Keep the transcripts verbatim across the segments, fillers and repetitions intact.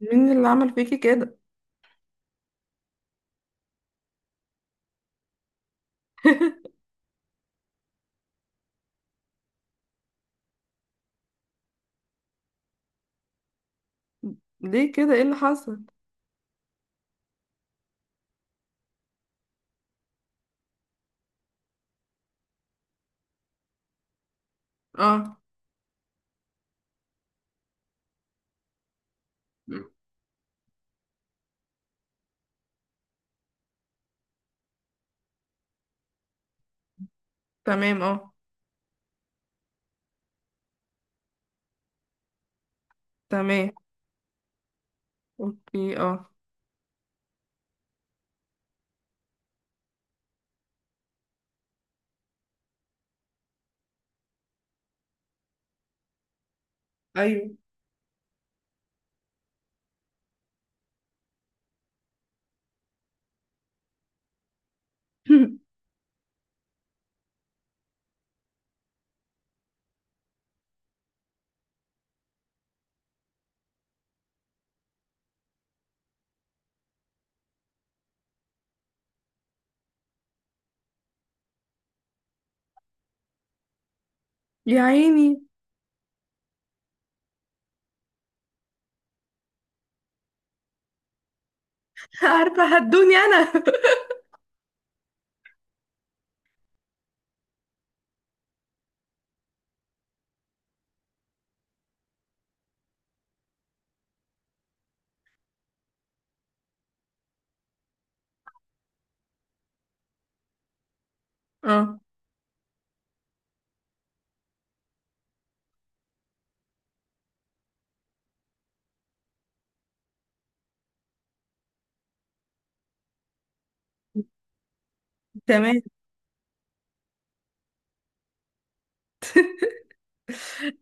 مين اللي عمل فيكي كده؟ ليه كده؟ ايه اللي حصل؟ اه. مم. تمام. اه. تمام. اوكي. اه. ايوه. يا عيني. عارفه، هدوني انا. اه، تمام.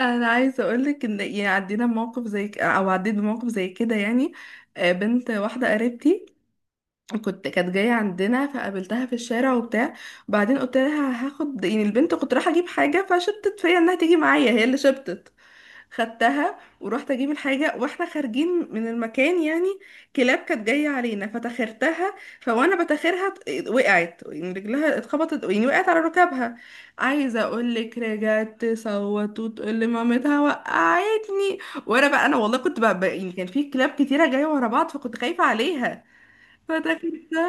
انا عايزه اقولك ان، يعني، عدينا بموقف زي ك- او عديت بموقف زي كده، يعني. آه، بنت واحده قريبتي كنت كانت جايه عندنا، فقابلتها في الشارع وبتاع. بعدين قلت لها هاخد، يعني البنت، كنت رايحه اجيب حاجه فشبتت فيا انها تيجي معايا، هي اللي شبتت. خدتها ورحت اجيب الحاجه، واحنا خارجين من المكان يعني كلاب كانت جايه علينا فتاخرتها. فوانا بتاخرها ط- وقعت، يعني رجلها اتخبطت، يعني وقعت على ركبها. عايزه اقول لك، رجعت تصوت وتقول لمامتها وقعتني. وانا بقى انا والله كنت بقى بقى- يعني كان في كلاب كتيره جايه ورا بعض، فكنت خايفه عليها فتاخرتها.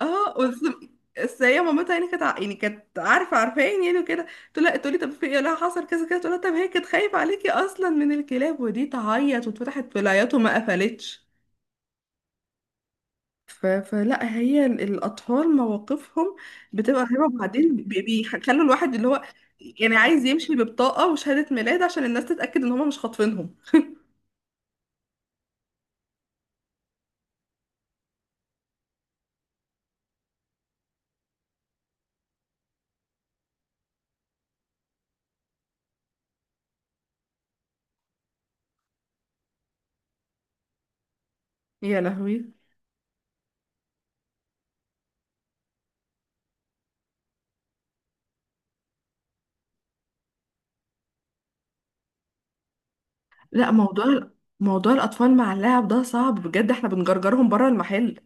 اه، بس. بس هي مامتها يعني كانت ع- يعني كانت عارفه عارفين يعني وكده. تقول لها، تقول لي طب في ايه، لا حصل كذا كذا، تقول لها طب هي كانت خايفه عليكي اصلا من الكلاب، ودي تعيط، واتفتحت في العياط وما قفلتش. ف... فلا، هي ال- الاطفال مواقفهم بتبقى غريبه، وبعدين بي- بيخلوا الواحد اللي هو، يعني عايز يمشي ببطاقه وشهاده ميلاد عشان الناس تتاكد ان هم مش خاطفينهم. يا لهوي. لا، موضوع موضوع الاطفال مع اللعب ده صعب بجد، احنا بنجرجرهم بره المحل.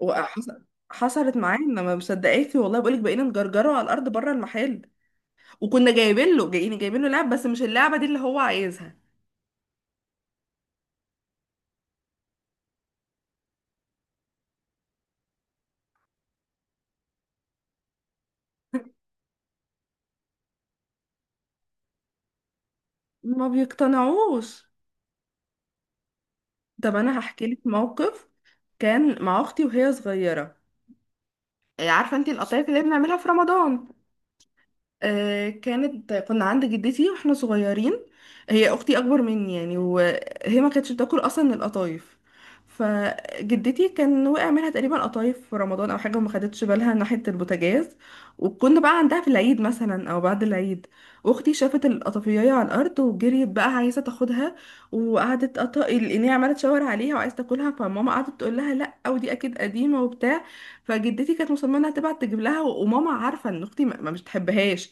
وحصل حصلت معانا، ما مصدقاكي؟ والله بقولك، بقينا نجرجره على الارض بره المحل، وكنا جايبين له جايين جايبين له لعب بس مش اللعبه دي اللي هو عايزها. ما بيقتنعوش. طب انا هحكي لك موقف. كان مع اختي وهي صغيره. إيه، عارفه انت القطايف اللي بنعملها في رمضان؟ آه، كانت كنا عند جدتي واحنا صغيرين. هي اختي اكبر مني يعني، وهي ما كانتش بتاكل اصلا القطايف. فجدتي كان وقع منها تقريبا قطايف في رمضان او حاجه وما خدتش بالها ناحيه البوتاجاز. وكنا بقى عندها في العيد مثلا او بعد العيد، واختي شافت القطافيه على الارض وجريت بقى عايزه تاخدها. وقعدت قط... القنية عماله تشاور عليها وعايزه تاكلها. فماما قعدت تقول لها لا، ودي اكيد قديمه وبتاع. فجدتي كانت مصممه انها تبعت تجيب لها، وماما عارفه ان اختي ما ما- مش بتحبهاش،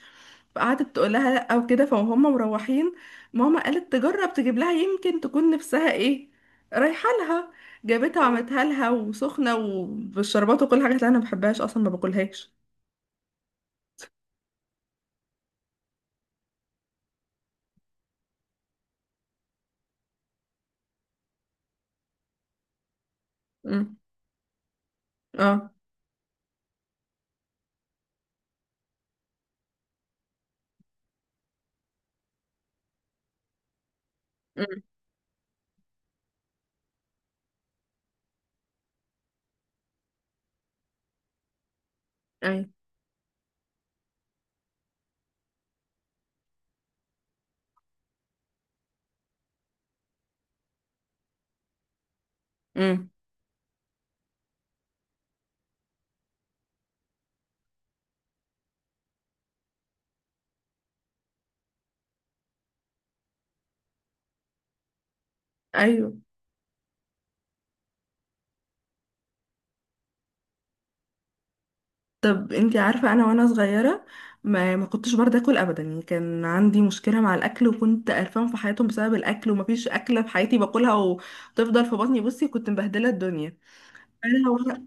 فقعدت تقول لها لا وكده. فهم مروحين، ماما قالت تجرب تجيب لها يمكن تكون نفسها ايه، رايحه لها. جابتها وعملتها لها وسخنه وبالشربات وكل حاجه، قالت لها انا ما بحبهاش اصلا ما باكلهاش. امم. اه. امم. ايوه. امم. ايوه. طب انتي عارفه انا وانا صغيره ما ما كنتش برضه اكل ابدا، يعني كان عندي مشكله مع الاكل، وكنت قرفان في حياتهم بسبب الاكل، ومفيش اكله في حياتي باكلها وتفضل في بطني. بصي كنت مبهدله الدنيا. انا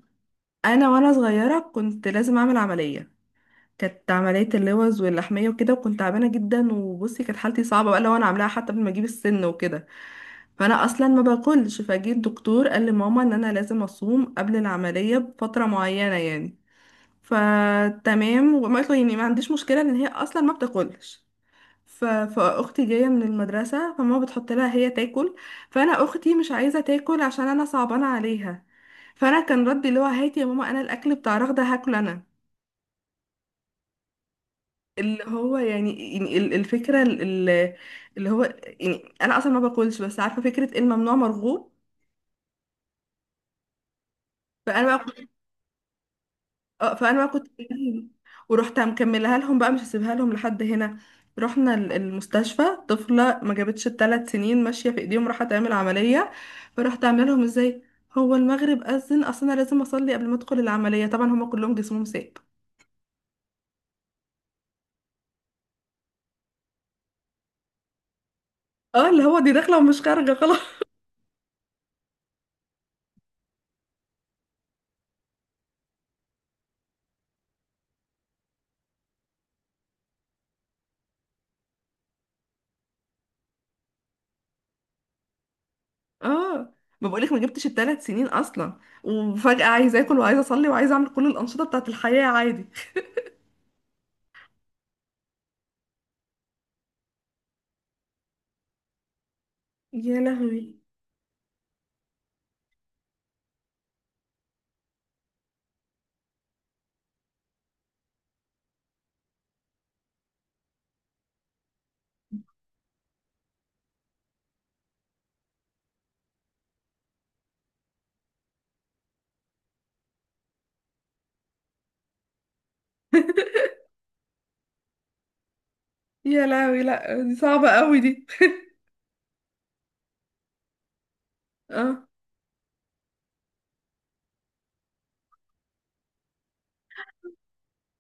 انا وانا صغيره كنت لازم اعمل عمليه، كانت عمليه اللوز واللحميه وكده، وكنت تعبانه جدا. وبصي كانت حالتي صعبه بقى لو انا عاملاها حتى قبل ما اجيب السن وكده. فانا اصلا ما باكلش، فجيت الدكتور قال لماما ان انا لازم اصوم قبل العمليه بفتره معينه يعني. فتمام، وما قلت له، يعني ما عنديش مشكله ان هي اصلا ما بتاكلش. ف... فاختي جايه من المدرسه، فماما بتحط لها هي تاكل. فانا اختي مش عايزه تاكل عشان انا صعبانه عليها. فانا كان ردي اللي هو، هاتي يا ماما انا الاكل بتاع رغده هاكله انا. اللي هو يعني يعني ال- الفكره ال- ال- اللي هو، يعني انا اصلا ما باكلش بس عارفه فكره الممنوع مرغوب. فانا بقى اه فانا بقى كنت بجيب- ورحت مكملها لهم بقى، مش هسيبها لهم لحد هنا. رحنا ال- المستشفى. طفلة ما جابتش الثلاث سنين ماشية في ايديهم راح تعمل عملية. فرحت عاملة لهم ازاي؟ هو المغرب أذن، اصل انا لازم اصلي قبل ما ادخل العملية. طبعا هما كلهم جسمهم ساب. اه، اللي هو دي داخلة ومش خارجة خلاص. اه، ما بقولك ما جبتش الثلاث سنين اصلا وفجأة عايزة اكل وعايزة اصلي وعايزة اعمل كل الأنشطة بتاعت الحياة عادي. يا لهوي. يا لهوي، لا دي صعبة قوي دي. اه.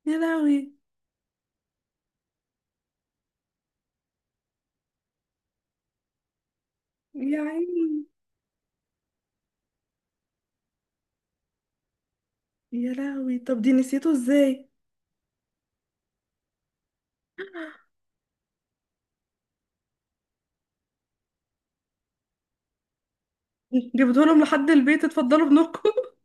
يا لهوي. يا عيني. يا لهوي، طب دي نسيته ازاي؟ جبتوا لهم لحد البيت، اتفضلوا ابنكم.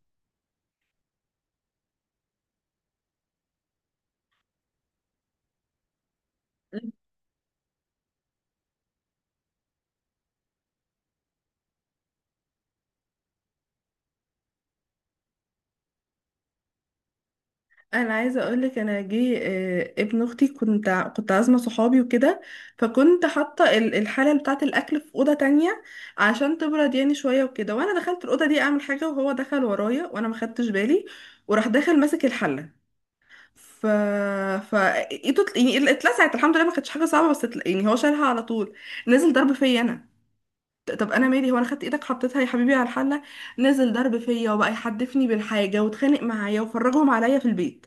انا عايزه اقول لك، انا جه آه، ابن اختي، كنت ع- كنت عازمه صحابي وكده، فكنت حاطه ال- الحله بتاعه الاكل في اوضه تانية عشان تبرد يعني شويه وكده. وانا دخلت الاوضه دي اعمل حاجه، وهو دخل ورايا وانا ما خدتش بالي، وراح داخل ماسك الحله. ف ف ايده ات- يعني اتلسعت، الحمد لله ما كانتش حاجه صعبه. بس اتل- يعني هو شالها على طول، نزل ضرب فيا انا. طب انا مالي، هو انا خدت ايدك حطيتها يا حبيبي على الحله؟ نزل ضرب فيا، وبقى يحدفني بالحاجه واتخانق معايا وفرجهم عليا في البيت.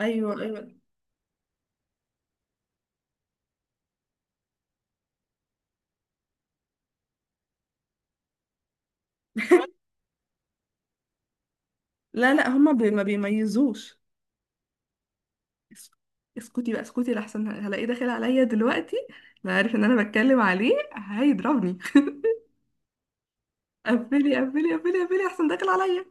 ايوه، ايوه. لا، لا، هما بي ما بيميزوش. اس- اسكتي بقى، اسكتي، لحسن هلاقيه داخل عليا دلوقتي. لا، عارف ان انا بتكلم عليه هيضربني. قفلي، قفلي، قفلي، قفلي، احسن داخل عليا.